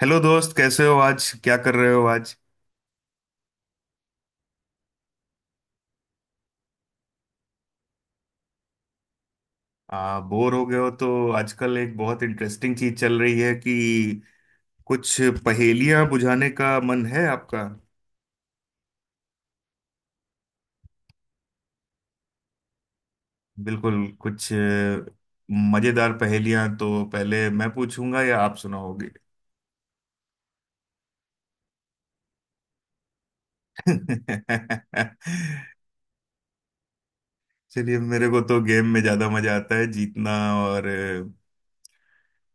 Hello दोस्त, कैसे हो? आज क्या कर रहे हो आज? बोर हो गए हो तो आजकल एक बहुत इंटरेस्टिंग चीज चल रही है कि कुछ पहेलियां बुझाने का मन है आपका। बिल्कुल। कुछ मजेदार पहेलियां तो पहले मैं पूछूंगा या आप सुनाओगे? चलिए, मेरे को तो गेम में ज्यादा मजा आता है जीतना। और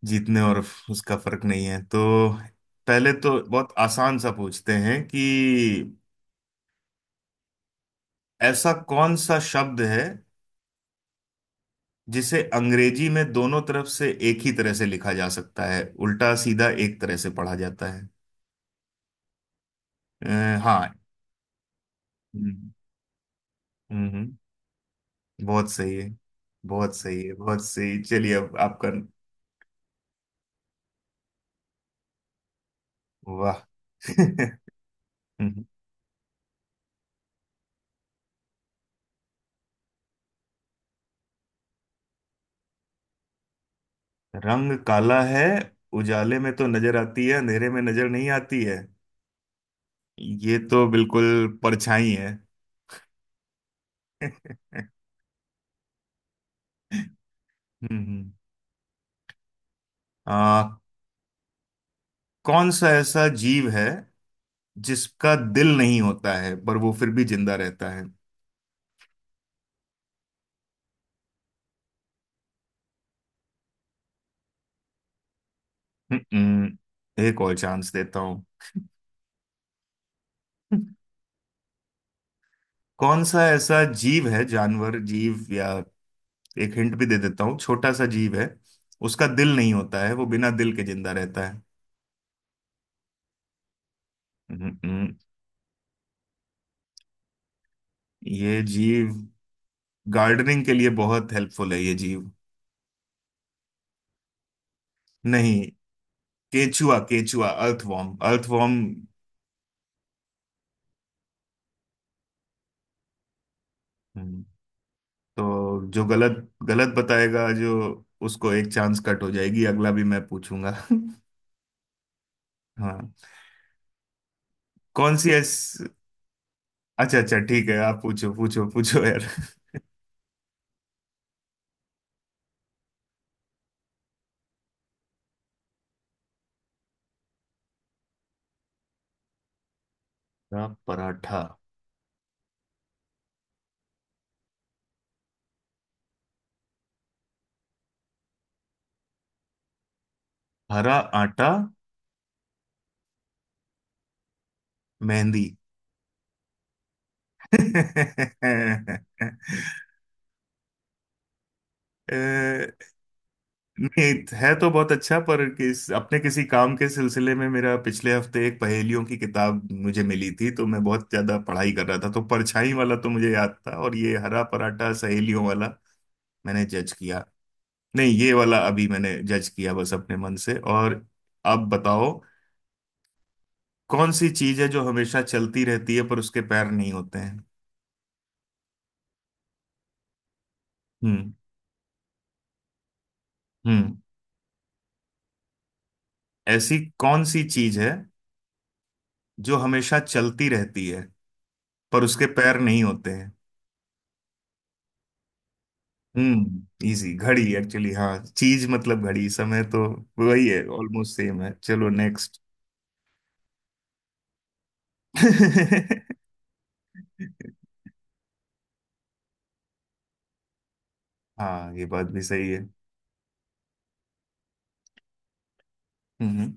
जीतने और उसका फर्क नहीं है तो पहले तो बहुत आसान सा पूछते हैं कि ऐसा कौन सा शब्द है जिसे अंग्रेजी में दोनों तरफ से एक ही तरह से लिखा जा सकता है, उल्टा सीधा एक तरह से पढ़ा जाता है। हाँ। हम्म। हम्म, हम्म। बहुत सही है। बहुत सही है, बहुत सही। चलिए, अब आपका। वाह। हम्म, रंग काला है, उजाले में तो नजर आती है, अंधेरे में नजर नहीं आती है। ये तो बिल्कुल परछाई है। हम्म। आ, कौन सा ऐसा जीव है जिसका दिल नहीं होता है पर वो फिर भी जिंदा रहता है? हम्म, एक और चांस देता हूँ। कौन सा ऐसा जीव है, जानवर जीव या एक हिंट भी दे देता हूँ, छोटा सा जीव है, उसका दिल नहीं होता है, वो बिना दिल के जिंदा रहता है। हम्म, ये जीव गार्डनिंग के लिए बहुत हेल्पफुल है, ये जीव। नहीं। केचुआ, केचुआ। Earthworm, earthworm. हम्म। तो जो गलत गलत बताएगा, जो उसको एक चांस कट हो जाएगी, अगला भी मैं पूछूंगा। हाँ। कौन सी ऐसी। अच्छा, अच्छा, ठीक है, आप पूछो पूछो पूछो, यार। हरा पराठा। हरा आटा। मेहंदी। अ, नहीं, है तो बहुत अच्छा पर किस अपने किसी काम के सिलसिले में, मेरा पिछले हफ्ते एक पहेलियों की किताब मुझे मिली थी, तो मैं बहुत ज्यादा पढ़ाई कर रहा था, तो परछाई वाला तो मुझे याद था और ये हरा पराठा सहेलियों वाला मैंने जज किया। नहीं, ये वाला अभी मैंने जज किया बस अपने मन से। और अब बताओ, कौन सी चीज है जो हमेशा चलती रहती है पर उसके पैर नहीं होते हैं? हम्म। हम्म। ऐसी कौन सी चीज है जो हमेशा चलती रहती है पर उसके पैर नहीं होते हैं? हम्म। इजी, घड़ी एक्चुअली। हाँ, चीज मतलब घड़ी समय तो वही है, ऑलमोस्ट सेम है। चलो नेक्स्ट। हाँ, ये बात भी सही है। हम्म। हम्म।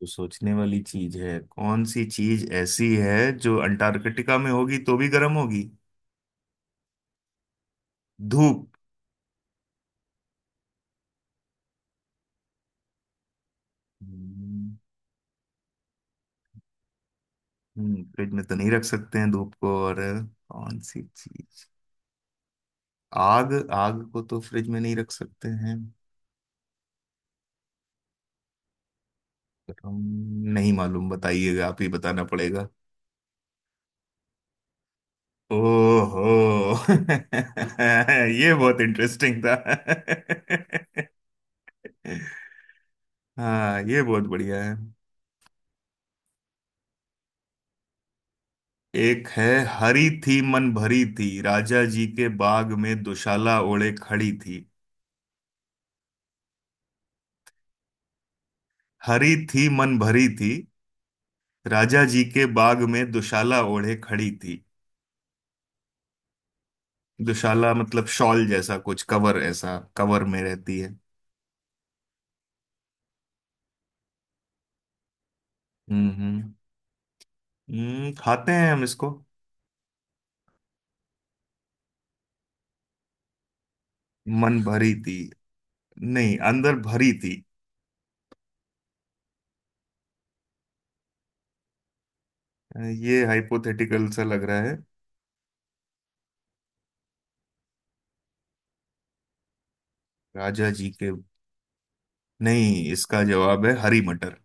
तो सोचने वाली चीज है, कौन सी चीज ऐसी है जो अंटार्कटिका में होगी तो भी गर्म होगी? धूप। फ्रिज में तो नहीं रख सकते हैं धूप को। और कौन सी चीज? आग। आग को तो फ्रिज में नहीं रख सकते हैं पर हम नहीं मालूम, बताइएगा, आप ही बताना पड़ेगा। ओहो। ये बहुत इंटरेस्टिंग था। हाँ, ये बहुत बढ़िया है। एक है, हरी थी मन भरी थी, राजा जी के बाग में दुशाला ओढ़े खड़ी थी। हरी थी मन भरी थी, राजा जी के बाग में दुशाला ओढ़े खड़ी थी। दुशाला मतलब शॉल जैसा कुछ कवर, ऐसा कवर में रहती है। हम्म। हम्म। खाते हैं हम इसको। मन भरी थी। नहीं, अंदर भरी थी। ये हाइपोथेटिकल सा लग रहा है। राजा जी के। नहीं, इसका जवाब है हरी मटर।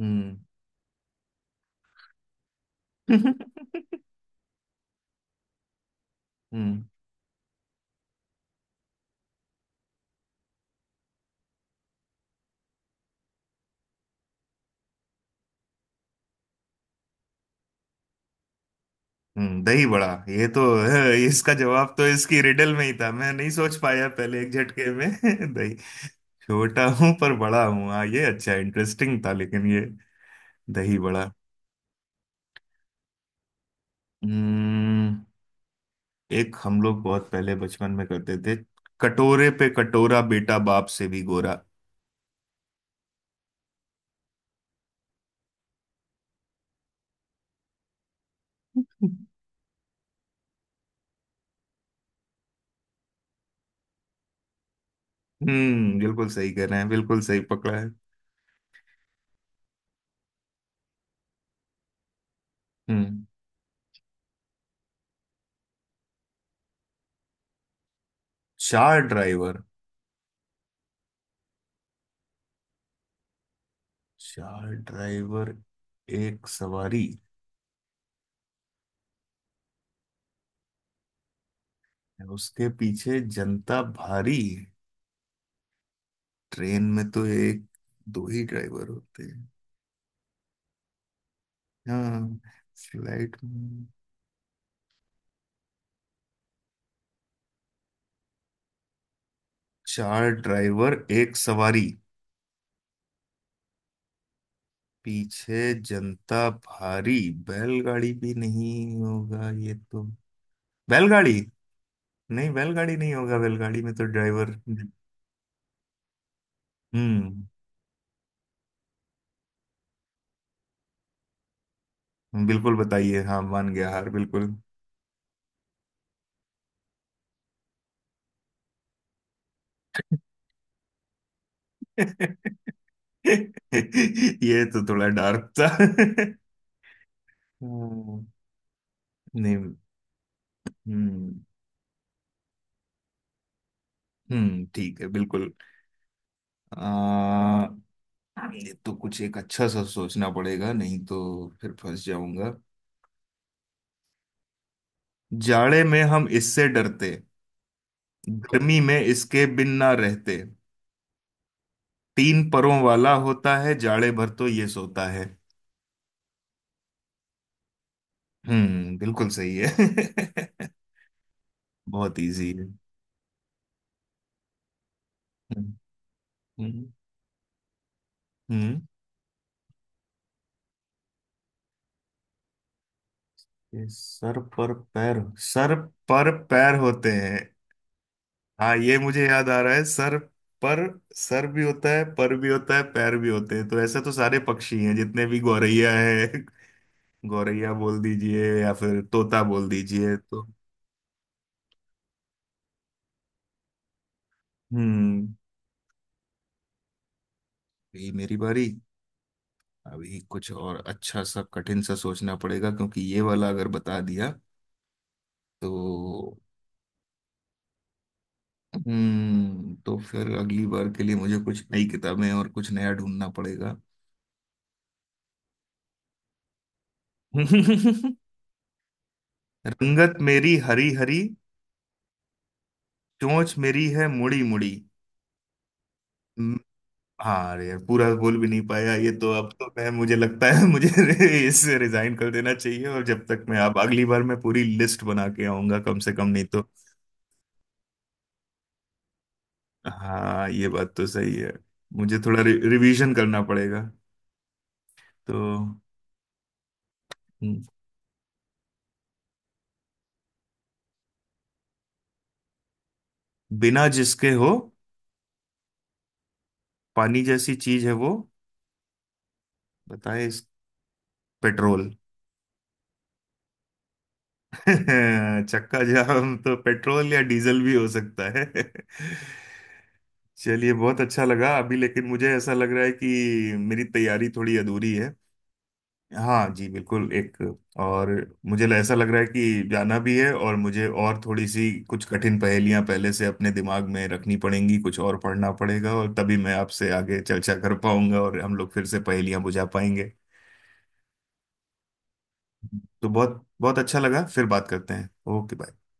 हम्म। हम्म। दही बड़ा, ये तो है, इसका जवाब तो इसकी रिडल में ही था, मैं नहीं सोच पाया पहले एक झटके में। दही, छोटा हूं पर बड़ा हूं, हाँ, ये अच्छा इंटरेस्टिंग था। लेकिन ये दही बड़ा। हम्म, एक हम लोग बहुत पहले बचपन में करते थे, कटोरे पे कटोरा बेटा बाप से भी गोरा। हम्म, बिल्कुल सही कह रहे हैं, बिल्कुल सही पकड़ा है। हम्म। चार ड्राइवर। चार ड्राइवर एक सवारी उसके पीछे जनता भारी। ट्रेन में तो एक दो ही ड्राइवर होते हैं। हाँ, फ्लाइट में। चार ड्राइवर एक सवारी पीछे जनता भारी। बैलगाड़ी भी नहीं होगा ये तो। बैलगाड़ी। नहीं, बैलगाड़ी नहीं होगा, बैलगाड़ी में तो ड्राइवर। हम्म। बिल्कुल बताइए, हाँ मान गया, हार बिल्कुल। ये तो थोड़ा डार्क था। हम्म। नहीं। हम्म। हम्म, ठीक है बिल्कुल। आ, ये तो कुछ एक अच्छा सा सोचना पड़ेगा, नहीं तो फिर फंस जाऊंगा। जाड़े में हम इससे डरते, गर्मी में इसके बिन ना रहते, तीन परों वाला होता है, जाड़े भर तो ये सोता है। हम्म, बिल्कुल सही है। बहुत इजी है। हम्म। हम्म। हम्म। ये सर पर पैर, सर पर पैर होते हैं। हाँ, ये मुझे याद आ रहा है, सर पर, सर भी होता है, पर भी होता है, पैर भी होते हैं, तो ऐसे तो सारे पक्षी हैं जितने भी, गौरैया है। गौरैया बोल दीजिए या फिर तोता बोल दीजिए तो। हम्म। ये मेरी बारी। अभी कुछ और अच्छा सा कठिन सा सोचना पड़ेगा, क्योंकि ये वाला अगर बता दिया तो। हम्म, तो फिर अगली बार के लिए मुझे कुछ नई किताबें और कुछ नया ढूंढना पड़ेगा। रंगत मेरी हरी हरी, चोंच मेरी है मुड़ी मुड़ी। हम्म, हाँ, अरे यार, पूरा बोल भी नहीं पाया ये तो, अब तो मैं मुझे लगता है मुझे इससे रिजाइन कर देना चाहिए, और जब तक मैं, आप अगली बार मैं पूरी लिस्ट बना के आऊंगा कम से कम, नहीं तो। हाँ, ये बात तो सही है। मुझे थोड़ा रिवीजन करना पड़ेगा तो। हम्म, बिना जिसके हो, पानी जैसी चीज है वो, बताए इस, पेट्रोल। चक्का जाम तो पेट्रोल या डीजल भी हो सकता है। चलिए, बहुत अच्छा लगा अभी, लेकिन मुझे ऐसा लग रहा है कि मेरी तैयारी थोड़ी अधूरी है। हाँ जी, बिल्कुल एक और मुझे ऐसा लग रहा है कि जाना भी है, और मुझे और थोड़ी सी कुछ कठिन पहेलियां पहले से अपने दिमाग में रखनी पड़ेंगी, कुछ और पढ़ना पड़ेगा, और तभी मैं आपसे आगे चर्चा कर पाऊंगा और हम लोग फिर से पहेलियां बुझा पाएंगे। तो बहुत बहुत अच्छा लगा, फिर बात करते हैं। Okay, bye.